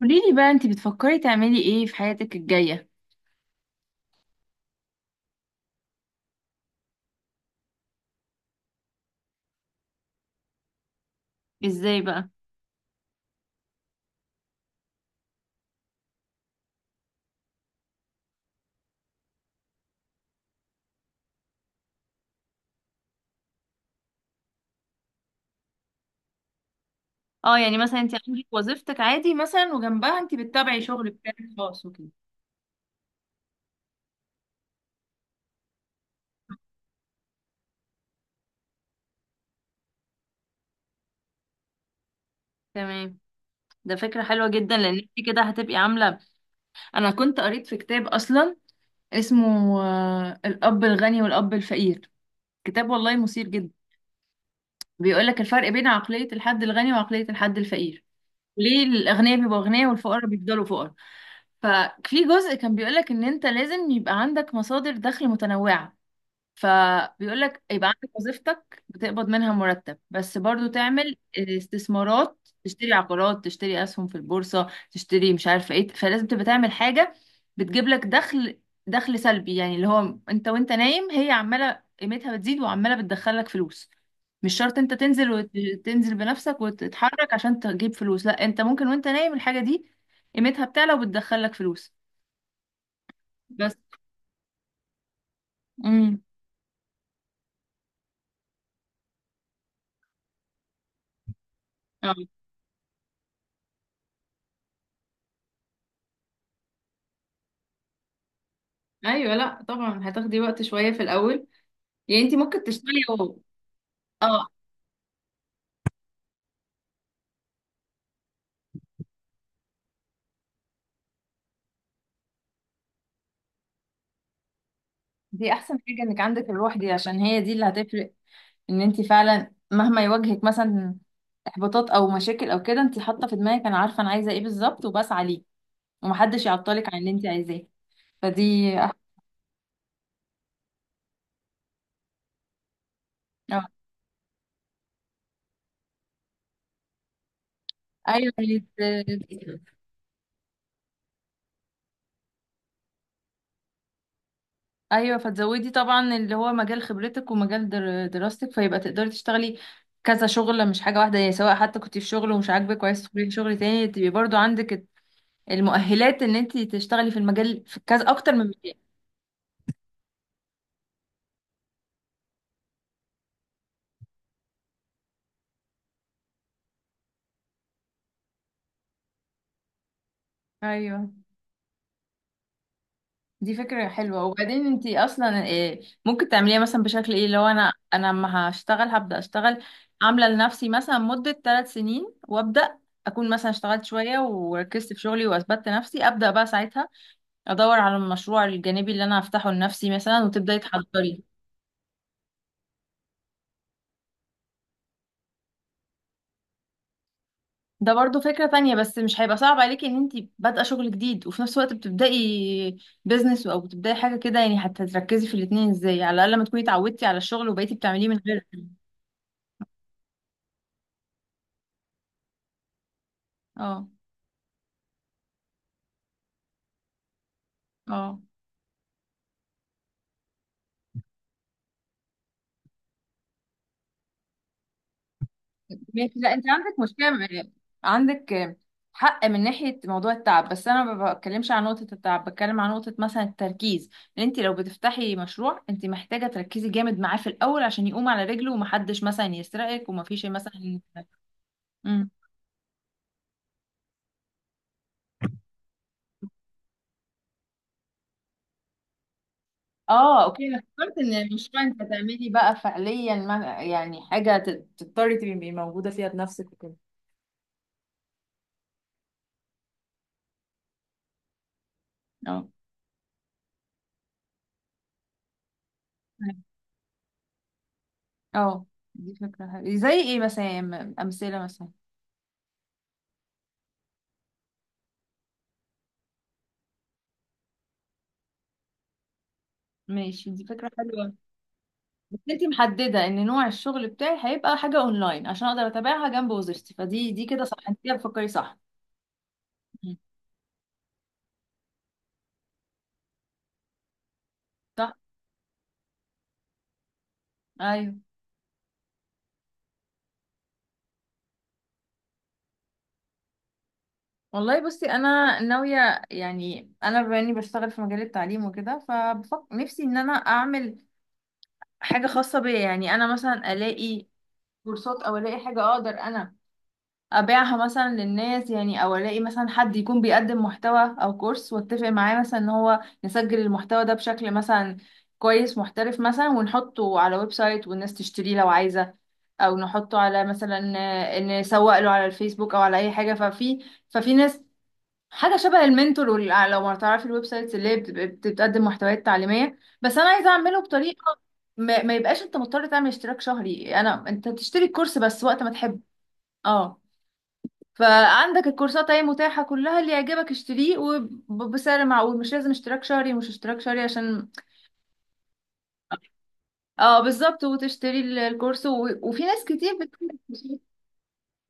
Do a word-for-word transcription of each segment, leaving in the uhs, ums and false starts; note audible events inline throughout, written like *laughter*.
قوليلي بقى، انتي بتفكري تعملي ايه في حياتك الجاية؟ ازاي بقى؟ اه، يعني مثلا انتي عندك وظيفتك عادي مثلا وجنبها انتي بتتابعي شغل بتاعك خاص وكده. تمام. ده فكرة حلوة جدا لان انتي كده هتبقي عاملة. انا كنت قريت في كتاب اصلا اسمه آه، الاب الغني والاب الفقير. كتاب والله مثير جدا. بيقولك الفرق بين عقلية الحد الغني وعقلية الحد الفقير. ليه الأغنياء بيبقوا أغنياء والفقراء بيفضلوا فقراء؟ ففي جزء كان بيقولك إن أنت لازم يبقى عندك مصادر دخل متنوعة. فبيقول لك يبقى عندك وظيفتك بتقبض منها مرتب، بس برضو تعمل استثمارات، تشتري عقارات، تشتري اسهم في البورصة، تشتري مش عارفة ايه. فلازم تبقى تعمل حاجة بتجيب لك دخل، دخل سلبي، يعني اللي هو انت وانت نايم هي عمالة قيمتها بتزيد وعمالة بتدخلك فلوس. مش شرط انت تنزل وتنزل بنفسك وتتحرك عشان تجيب فلوس، لا انت ممكن وانت نايم الحاجة دي قيمتها بتعلى وبتدخلك فلوس. بس. امم اه، ايوه. لا طبعا هتاخدي وقت شويه في الاول. يعني انت ممكن تشتغلي و. اه. دي احسن حاجة انك عندك الروح دي عشان هي دي اللي هتفرق. ان انت فعلا مهما يواجهك مثلا احباطات او مشاكل او كده، انت حاطة في دماغك انا عارفة انا عايزة ايه بالظبط وبسعى ليه ومحدش يعطلك عن اللي انت عايزاه. فدي أح... اه. ايوه يت- ايوه فتزودي طبعا اللي هو مجال خبرتك ومجال در... دراستك، فيبقى تقدري تشتغلي كذا شغلة، مش حاجة واحدة. يعني سواء حتى كنت في شغل ومش عاجبك وعايز تدخلي في شغل تاني، تبقي برضو عندك المؤهلات ان انت تشتغلي في المجال، في كذا اكتر من مجال. ايوه. دي فكرة حلوة. وبعدين انت اصلا إيه ممكن تعمليها مثلا؟ بشكل ايه؟ لو انا انا اما هشتغل، هبدأ اشتغل عاملة لنفسي مثلا مدة ثلاث سنين، وابدأ اكون مثلا اشتغلت شوية وركزت في شغلي واثبتت نفسي، ابدأ بقى ساعتها ادور على المشروع الجانبي اللي انا هفتحه لنفسي مثلا، وتبدأي تحضري. ده برضو فكرة تانية، بس مش هيبقى صعب عليكي ان انتي بادئة شغل جديد وفي نفس الوقت بتبدأي بيزنس او بتبدأي حاجة كده؟ يعني هتركزي في الاتنين ازاي؟ على الأقل ما تكوني اتعودتي على الشغل وبقيتي بتعمليه من غير. اه، اه. ماشي. لا انت عندك مشكلة، م- عندك حق من ناحية موضوع التعب، بس انا ما بتكلمش عن نقطة التعب، بتكلم عن نقطة مثلا التركيز. ان انت لو بتفتحي مشروع، انت محتاجة تركزي جامد معاه في الأول عشان يقوم على رجله ومحدش مثلا يسرقك ومفيش مثلا. اه، اوكي. انا فكرت ان المشروع انت تعملي بقى فعليا، ما يعني حاجه ت- تضطري تبقي موجوده فيها بنفسك وكده. اه، اه. دي فكره حلوه زي ايه مثلا؟ يعني م- امثله مثلا. ماشي، دي فكره حلوه. بس انت محدده ان نوع الشغل بتاعي هيبقى حاجه اونلاين عشان اقدر اتابعها جنب وظيفتي، فدي دي كده صح؟ انت كده بتفكري صح. مم. صح. ايوه. والله بصي انا ناويه، يعني انا بما اني بشتغل في مجال التعليم وكده، فبفكر نفسي ان انا اعمل حاجة خاصة بيا. يعني أنا مثلا ألاقي كورسات، أو ألاقي حاجة أقدر أنا أبيعها مثلا للناس، يعني أو ألاقي مثلا حد يكون بيقدم محتوى أو كورس، وأتفق معاه مثلا إن هو نسجل المحتوى ده بشكل مثلا كويس، محترف مثلا، ونحطه على ويب سايت والناس تشتريه لو عايزة. أو نحطه على مثلا، آه، إن نسوق له على الفيسبوك أو على أي حاجة. ففي ففي ناس، حاجه شبه المنتور وال- آه، لو ما تعرفي الويب سايتس اللي هي بتبقى- بتقدم محتويات تعليميه، بس انا عايزه اعمله بطريقه ما, ما يبقاش انت مضطر تعمل اشتراك شهري. انا انت تشتري الكورس بس وقت ما تحب. اه، فعندك الكورسات اهي متاحه كلها، اللي يعجبك اشتريه، وبسعر معقول. مش لازم اشتراك شهري، مش اشتراك شهري، عشان. اه، بالظبط. وتشتري ال- الكورس و... وفي ناس كتير بت.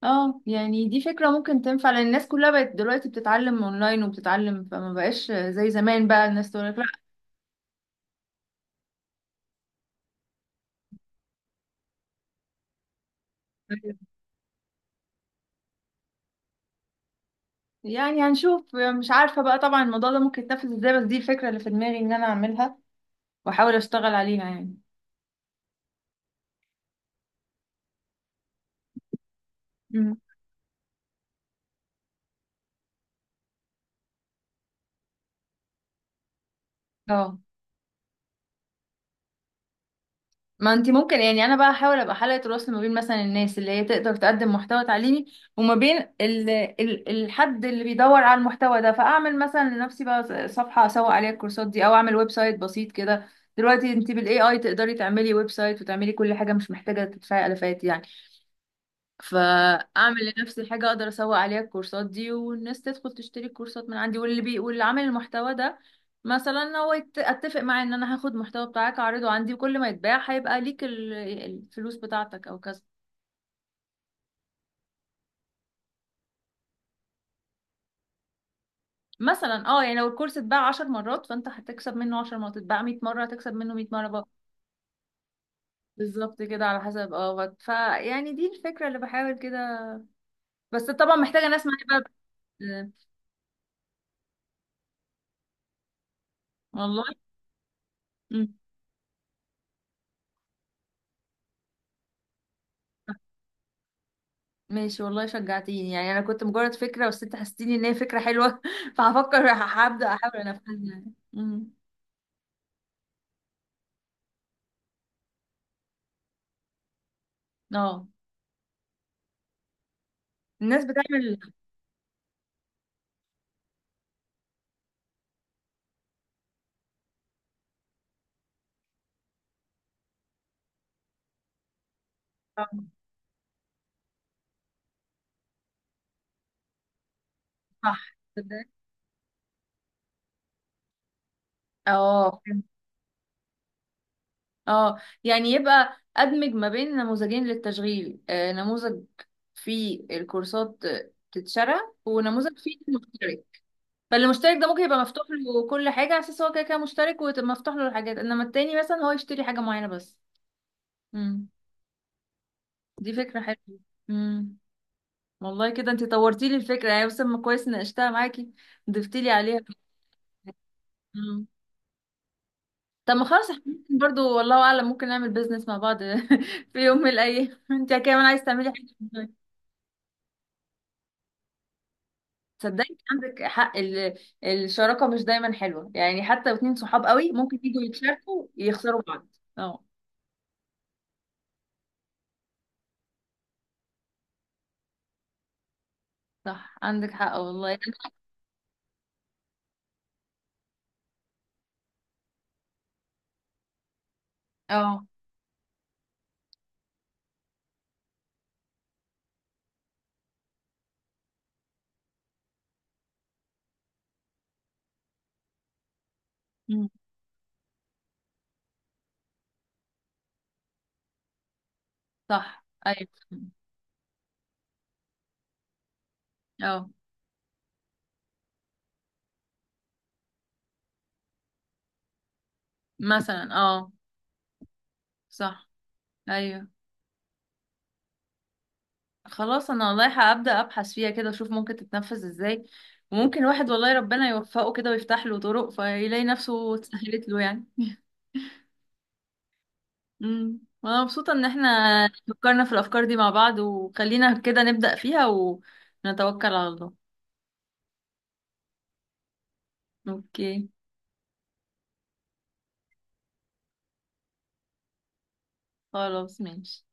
اه، يعني دي فكرة ممكن تنفع، لان الناس كلها بقت دلوقتي بتتعلم اونلاين، وبتتعلم، فما بقاش زي زمان بقى الناس تقول لك لا. يعني هنشوف، مش عارفة بقى طبعا الموضوع ده ممكن يتنفذ ازاي، بس دي الفكرة اللي في دماغي ان انا اعملها واحاول اشتغل عليها يعني. مم. اه، ما انت ممكن، يعني انا بقى احاول ابقى حلقة الوصل ما بين مثلا الناس اللي هي تقدر تقدم محتوى تعليمي، وما بين ال... ال... الحد اللي بيدور على المحتوى ده، فاعمل مثلا لنفسي بقى صفحة اسوق عليها الكورسات دي، او اعمل ويب سايت بسيط كده. دلوقتي انت بالاي اي تقدري تعملي ويب سايت وتعملي كل حاجة، مش محتاجة تدفعي الافات يعني. فاعمل لنفسي حاجه اقدر اسوق عليها الكورسات دي، والناس تدخل تشتري الكورسات من عندي، واللي بي واللي عامل المحتوى ده مثلا هو يت- اتفق معاه ان انا هاخد محتوى بتاعك اعرضه عندي، وكل ما يتباع هيبقى ليك ال- الفلوس بتاعتك او كذا. مثلا اه، يعني لو الكورس اتباع 10 مرات فانت هتكسب منه 10 مرات، اتباع 100 مره هتكسب منه 100 مره بقى. بالظبط كده على حسب. اه بت- فيعني دي الفكره اللي بحاول كده، بس طبعا محتاجه ناس معايا بقى. بت- والله. مم. ماشي، والله شجعتيني. يعني انا كنت مجرد فكره، بس انت حسيتيني ان هي فكره حلوه *laughs* فهفكر هبدا احاول انفذها يعني. امم اه، الناس بتعمل. آه، صح، تصدقي؟ اه، فهمت. اه، يعني يبقى ادمج ما بين نموذجين للتشغيل، آه، نموذج فيه الكورسات، آه، تتشرى، ونموذج فيه المشترك. فالمشترك ده ممكن يبقى مفتوح له كل حاجه على اساس هو كده كده مشترك، ومفتوح له الحاجات، انما التاني مثلا هو يشتري حاجه معينه بس. امم دي فكره حلوه. امم والله كده انت طورتي لي الفكره، يعني بس ما كويس ناقشتها معاكي، ضفتي لي عليها. مم. طب ما خلاص، احنا ممكن برضو والله اعلم ممكن نعمل بيزنس مع بعض *laughs* في يوم من الايام انت كمان عايز تعملي حاجه. صدقني عندك حق، ال- الشراكه مش دايما حلوه. يعني حتى لو اتنين صحاب قوي ممكن يجوا يتشاركوا يخسروا بعض. اه، صح عندك حق والله. اه. مم. صح. ايوه. اه، مثلا، اه، صح ايوه. خلاص انا والله هبدأ ابحث فيها كده، اشوف ممكن تتنفذ ازاي. وممكن الواحد والله ربنا يوفقه كده ويفتح له طرق، فيلاقي نفسه اتسهلت له يعني *laughs* امم وانا مبسوطة ان احنا فكرنا في الافكار دي مع بعض، وخلينا كده نبدأ فيها ونتوكل على الله. اوكي. خلاص ماشي.